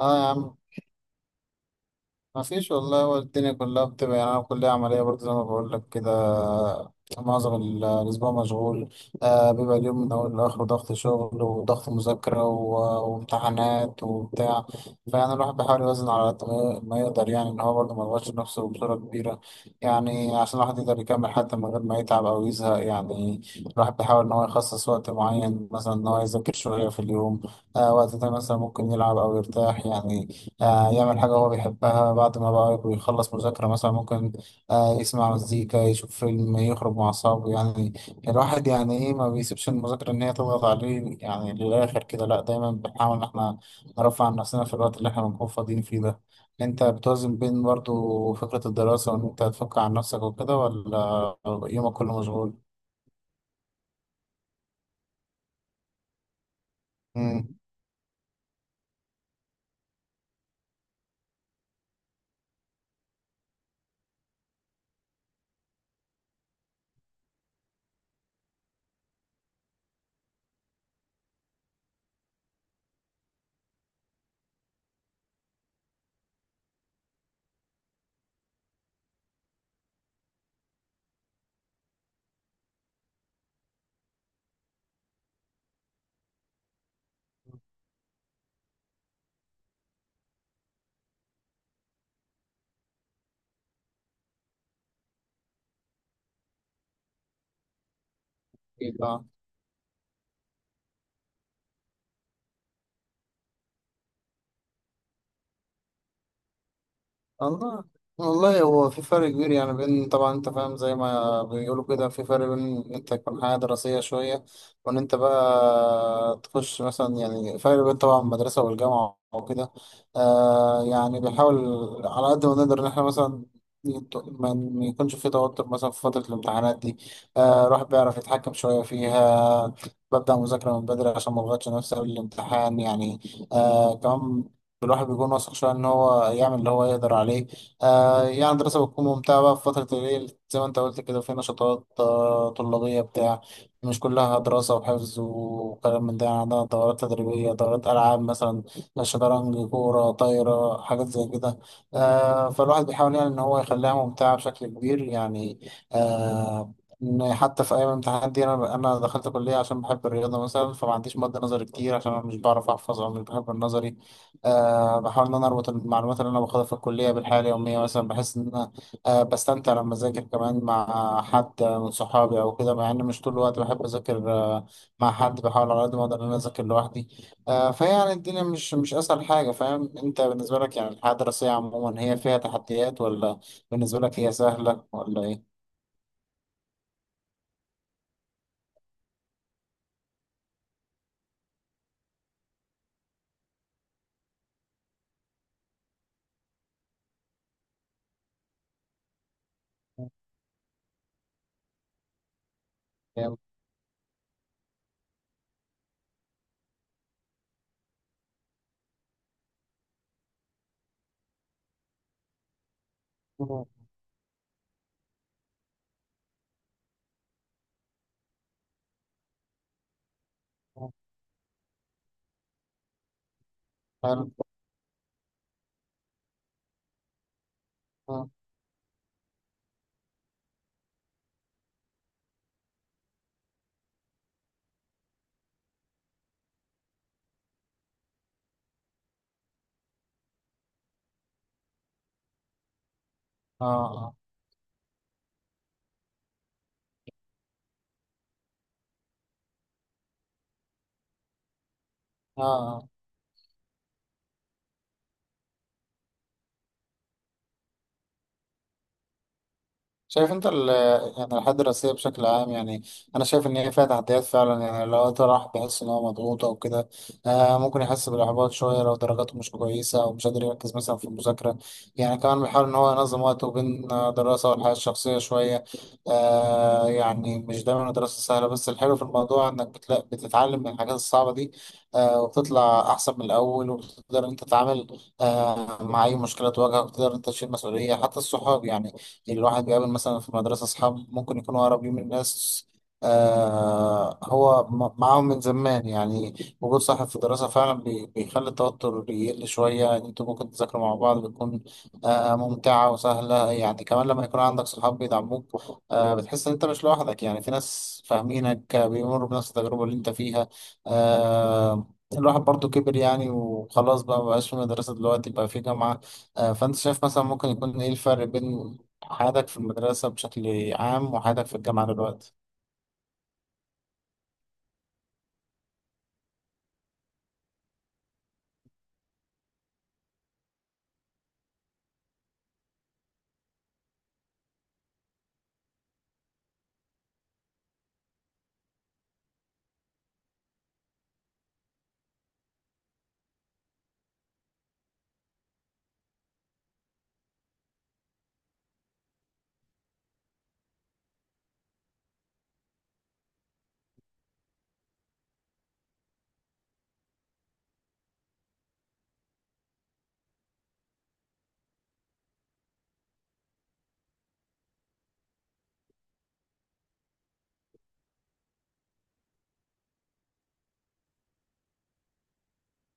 اه يا عم، ما فيش والله، هو الدنيا كلها بتبقى يعني، انا كلية عملية برضه زي ما بقول لك كده. معظم الأسبوع مشغول. بيبقى اليوم من أول لآخره ضغط شغل وضغط مذاكرة وامتحانات وبتاع. فيعني الواحد بيحاول يوازن على قد ما يقدر، يعني إن هو برضه ما يضغطش نفسه بصورة كبيرة. يعني عشان الواحد يقدر يكمل حتى من غير ما يتعب أو يزهق يعني. الواحد بيحاول إن هو يخصص وقت معين، مثلا إن هو يذاكر شوية في اليوم. وقت ده مثلا ممكن يلعب أو يرتاح يعني. يعمل حاجة هو بيحبها، بعد ما بقى بيخلص مذاكرة مثلا ممكن يسمع مزيكا، يشوف فيلم، يخرج مع أصحابه يعني. الواحد يعني إيه، ما بيسيبش المذاكرة إن هي تضغط عليه يعني للآخر كده، لأ دايما بنحاول إن إحنا نرفع عن نفسنا في الوقت اللي إحنا بنكون فاضيين فيه ده. أنت بتوازن بين برضو فكرة الدراسة وإن أنت تفك عن نفسك وكده، ولا يومك كله مشغول؟ مم. أكيد آه. والله، والله هو في فرق كبير يعني، بين طبعا، انت فاهم زي ما بيقولوا كده، في فرق بين ان انت تكون حياة دراسية شوية، وان انت بقى تخش مثلا، يعني فرق بين طبعا المدرسة والجامعة وكده. يعني بنحاول على قد ما نقدر ان احنا مثلا ما يكونش في توتر مثلا في فترة الامتحانات دي. الواحد بيعرف يتحكم شوية فيها، ببدأ مذاكرة من بدري عشان ما اضغطش نفسي قبل الامتحان يعني. كمان الواحد بيكون واثق شوية إن هو يعمل اللي هو يقدر عليه. يعني الدراسة بتكون ممتعة بقى في فترة الليل، زي ما أنت قلت كده في نشاطات طلابية بتاع، مش كلها دراسة وحفظ وكلام من ده. يعني عندنا دورات تدريبية، دورات ألعاب مثلا، شطرنج، كورة طايرة، حاجات زي كده. فالواحد بيحاول يعني إن هو يخليها ممتعة بشكل كبير يعني. آه إن حتى في أيام الامتحانات دي، أنا دخلت كلية عشان بحب الرياضة مثلا، فما عنديش مادة نظري كتير عشان أنا مش بعرف أحفظ أو مش بحب النظري. بحاول إن أنا أربط المعلومات اللي أنا باخدها في الكلية بالحياة اليومية مثلا، بحس إن أنا بستمتع لما أذاكر كمان مع حد من صحابي أو كده، مع إن مش طول الوقت بحب أذاكر مع حد، بحاول على قد ما أقدر إن أنا أذاكر لوحدي. فيعني الدنيا مش أسهل حاجة، فاهم أنت. بالنسبة لك يعني الحياة الدراسية عموما هي فيها تحديات، ولا بالنسبة لك هي سهلة ولا إيه؟ حلو. آه آه آه آه. شايف انت يعني الحياة الدراسية بشكل عام يعني. انا شايف ان هي فيها تحديات فعلا، يعني لو وقت راح بيحس ان هو مضغوط او كده، ممكن يحس بالاحباط شوية لو درجاته مش كويسة او مش قادر يركز مثلا في المذاكرة. يعني كمان بيحاول ان هو ينظم وقته بين دراسة والحياة الشخصية شوية. يعني مش دايما الدراسة سهلة، بس الحلو في الموضوع انك بتتعلم من الحاجات الصعبة دي. وبتطلع احسن من الاول، وبتقدر انت تتعامل مع اي مشكلة تواجهك، وتقدر انت تشيل مسؤولية حتى الصحاب يعني. يعني الواحد بيقابل مثلا في المدرسة أصحاب ممكن يكونوا قريبين من ناس هو معاهم من زمان يعني. وجود صاحب في الدراسة فعلا بيخلي التوتر يقل شوية، يعني انتوا ممكن تذاكروا مع بعض، بتكون ممتعة وسهلة، يعني كمان لما يكون عندك صحاب بيدعموك، بتحس ان انت مش لوحدك، يعني في ناس فاهمينك بيمروا بنفس التجربة اللي انت فيها. آه الواحد برضو كبر يعني، وخلاص بقى مبقاش في مدرسة، دلوقتي بقى في جامعة. فأنت شايف مثلا ممكن يكون إيه الفرق بين حياتك في المدرسة بشكل عام وحياتك في الجامعة دلوقتي.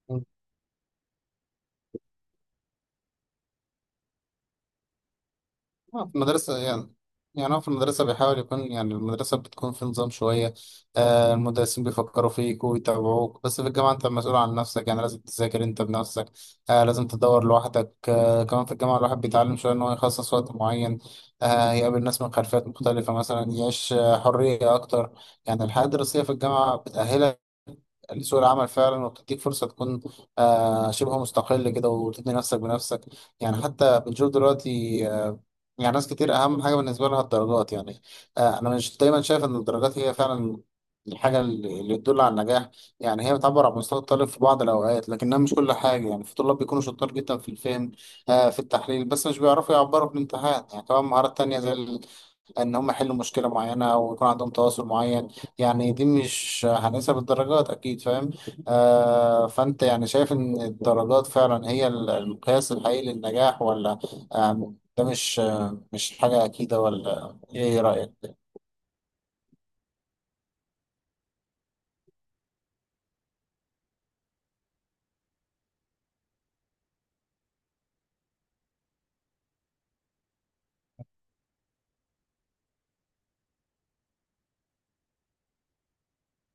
مم. في المدرسة يعني، يعني هو في المدرسة بيحاول يكون، يعني المدرسة بتكون في نظام شوية. المدرسين بيفكروا فيك ويتابعوك، بس في الجامعة أنت مسؤول عن نفسك، يعني لازم تذاكر أنت بنفسك. لازم تدور لوحدك. كمان في الجامعة الواحد بيتعلم شوية إن هو يخصص وقت معين، يقابل ناس من خلفيات مختلفة مثلا، يعيش حرية أكتر. يعني الحياة الدراسية في الجامعة بتأهلك لسوق العمل فعلا، وبتديك فرصه تكون شبه مستقل كده، وتبني نفسك بنفسك. يعني حتى بنشوف دلوقتي آه يعني ناس كتير اهم حاجه بالنسبه لها الدرجات يعني. انا مش دايما شايف ان الدرجات هي فعلا الحاجه اللي تدل على النجاح، يعني هي بتعبر عن مستوى الطالب في بعض الاوقات، لكنها مش كل حاجه يعني، في طلاب بيكونوا شطار جدا في الفهم في التحليل، بس مش بيعرفوا يعبروا في الامتحان، يعني كمان مهارات تانية زي ان هم يحلوا مشكله معينه ويكون عندهم تواصل معين، يعني دي مش هنقيسها بالدرجات اكيد فاهم. فانت يعني شايف ان الدرجات فعلا هي المقياس الحقيقي للنجاح، ولا ده مش حاجه اكيده، ولا ايه رايك؟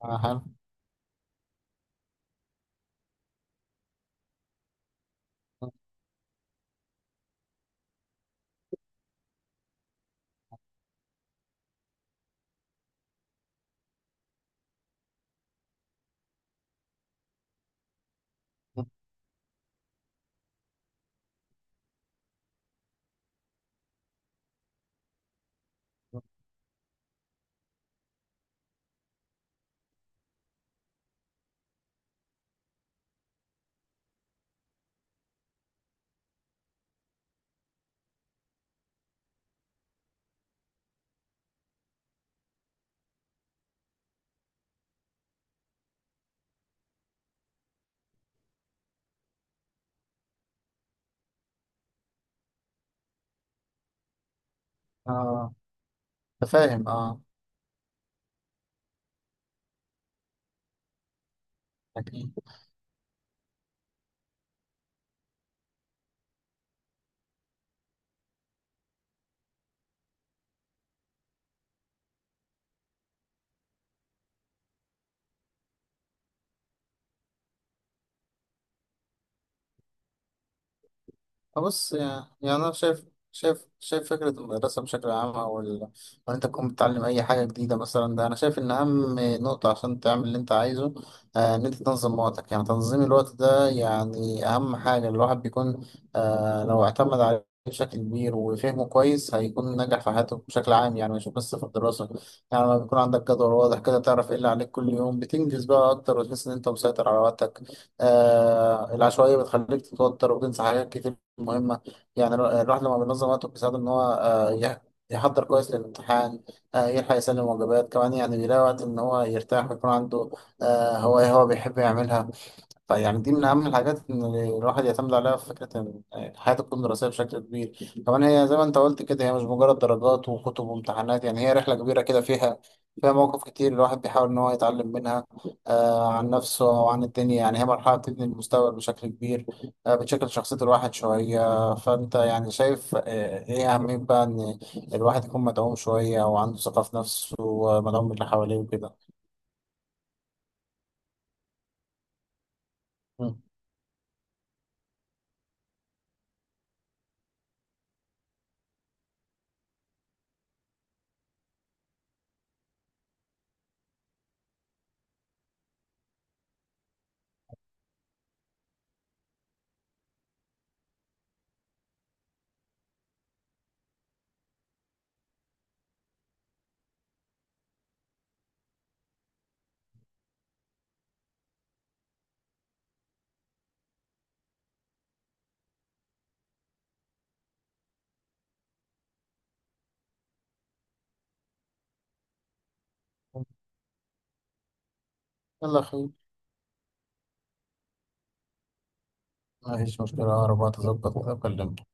آه، آه، تفاهم اه. اكيد. بص، يعني أنا شايف فكرة المدرسة بشكل عام أو إن أنت تكون بتتعلم أي حاجة جديدة مثلا، ده أنا شايف إن أهم نقطة عشان تعمل اللي أنت عايزه إن أنت تنظم وقتك، يعني تنظيم الوقت ده يعني أهم حاجة. الواحد بيكون لو اعتمد عليه بشكل كبير وفهمه كويس هيكون ناجح في حياته بشكل عام، يعني مش بس في الدراسة. يعني لما بيكون عندك جدول واضح كده، تعرف إيه اللي عليك كل يوم، بتنجز بقى أكتر، وتحس إن أنت مسيطر على وقتك. العشوائية بتخليك تتوتر وتنسى حاجات كتير مهمة. يعني الواحد لما بينظم وقته بيساعده إن هو يحضر كويس للامتحان، يلحق يسلم واجبات، كمان يعني بيلاقي وقت إن هو يرتاح، ويكون عنده هواية هو بيحب يعملها. فيعني دي من أهم الحاجات إن الواحد يعتمد عليها في فكرة إن الحياة تكون دراسية بشكل كبير، كمان هي زي ما أنت قلت كده، هي مش مجرد درجات وكتب وامتحانات، يعني هي رحلة كبيرة كده، فيها فيها مواقف كتير الواحد بيحاول إن هو يتعلم منها عن نفسه أو عن الدنيا، يعني هي مرحلة بتبني المستقبل بشكل كبير، بتشكل شخصية الواحد شوية. فأنت يعني شايف إيه أهمية بقى إن الواحد يكون مدعوم شوية وعنده ثقة في نفسه ومدعوم من اللي حواليه وكده. مم. يلا يا أخوي. مفيش مشكلة، أقرب وقت أظبط كده أكلمك.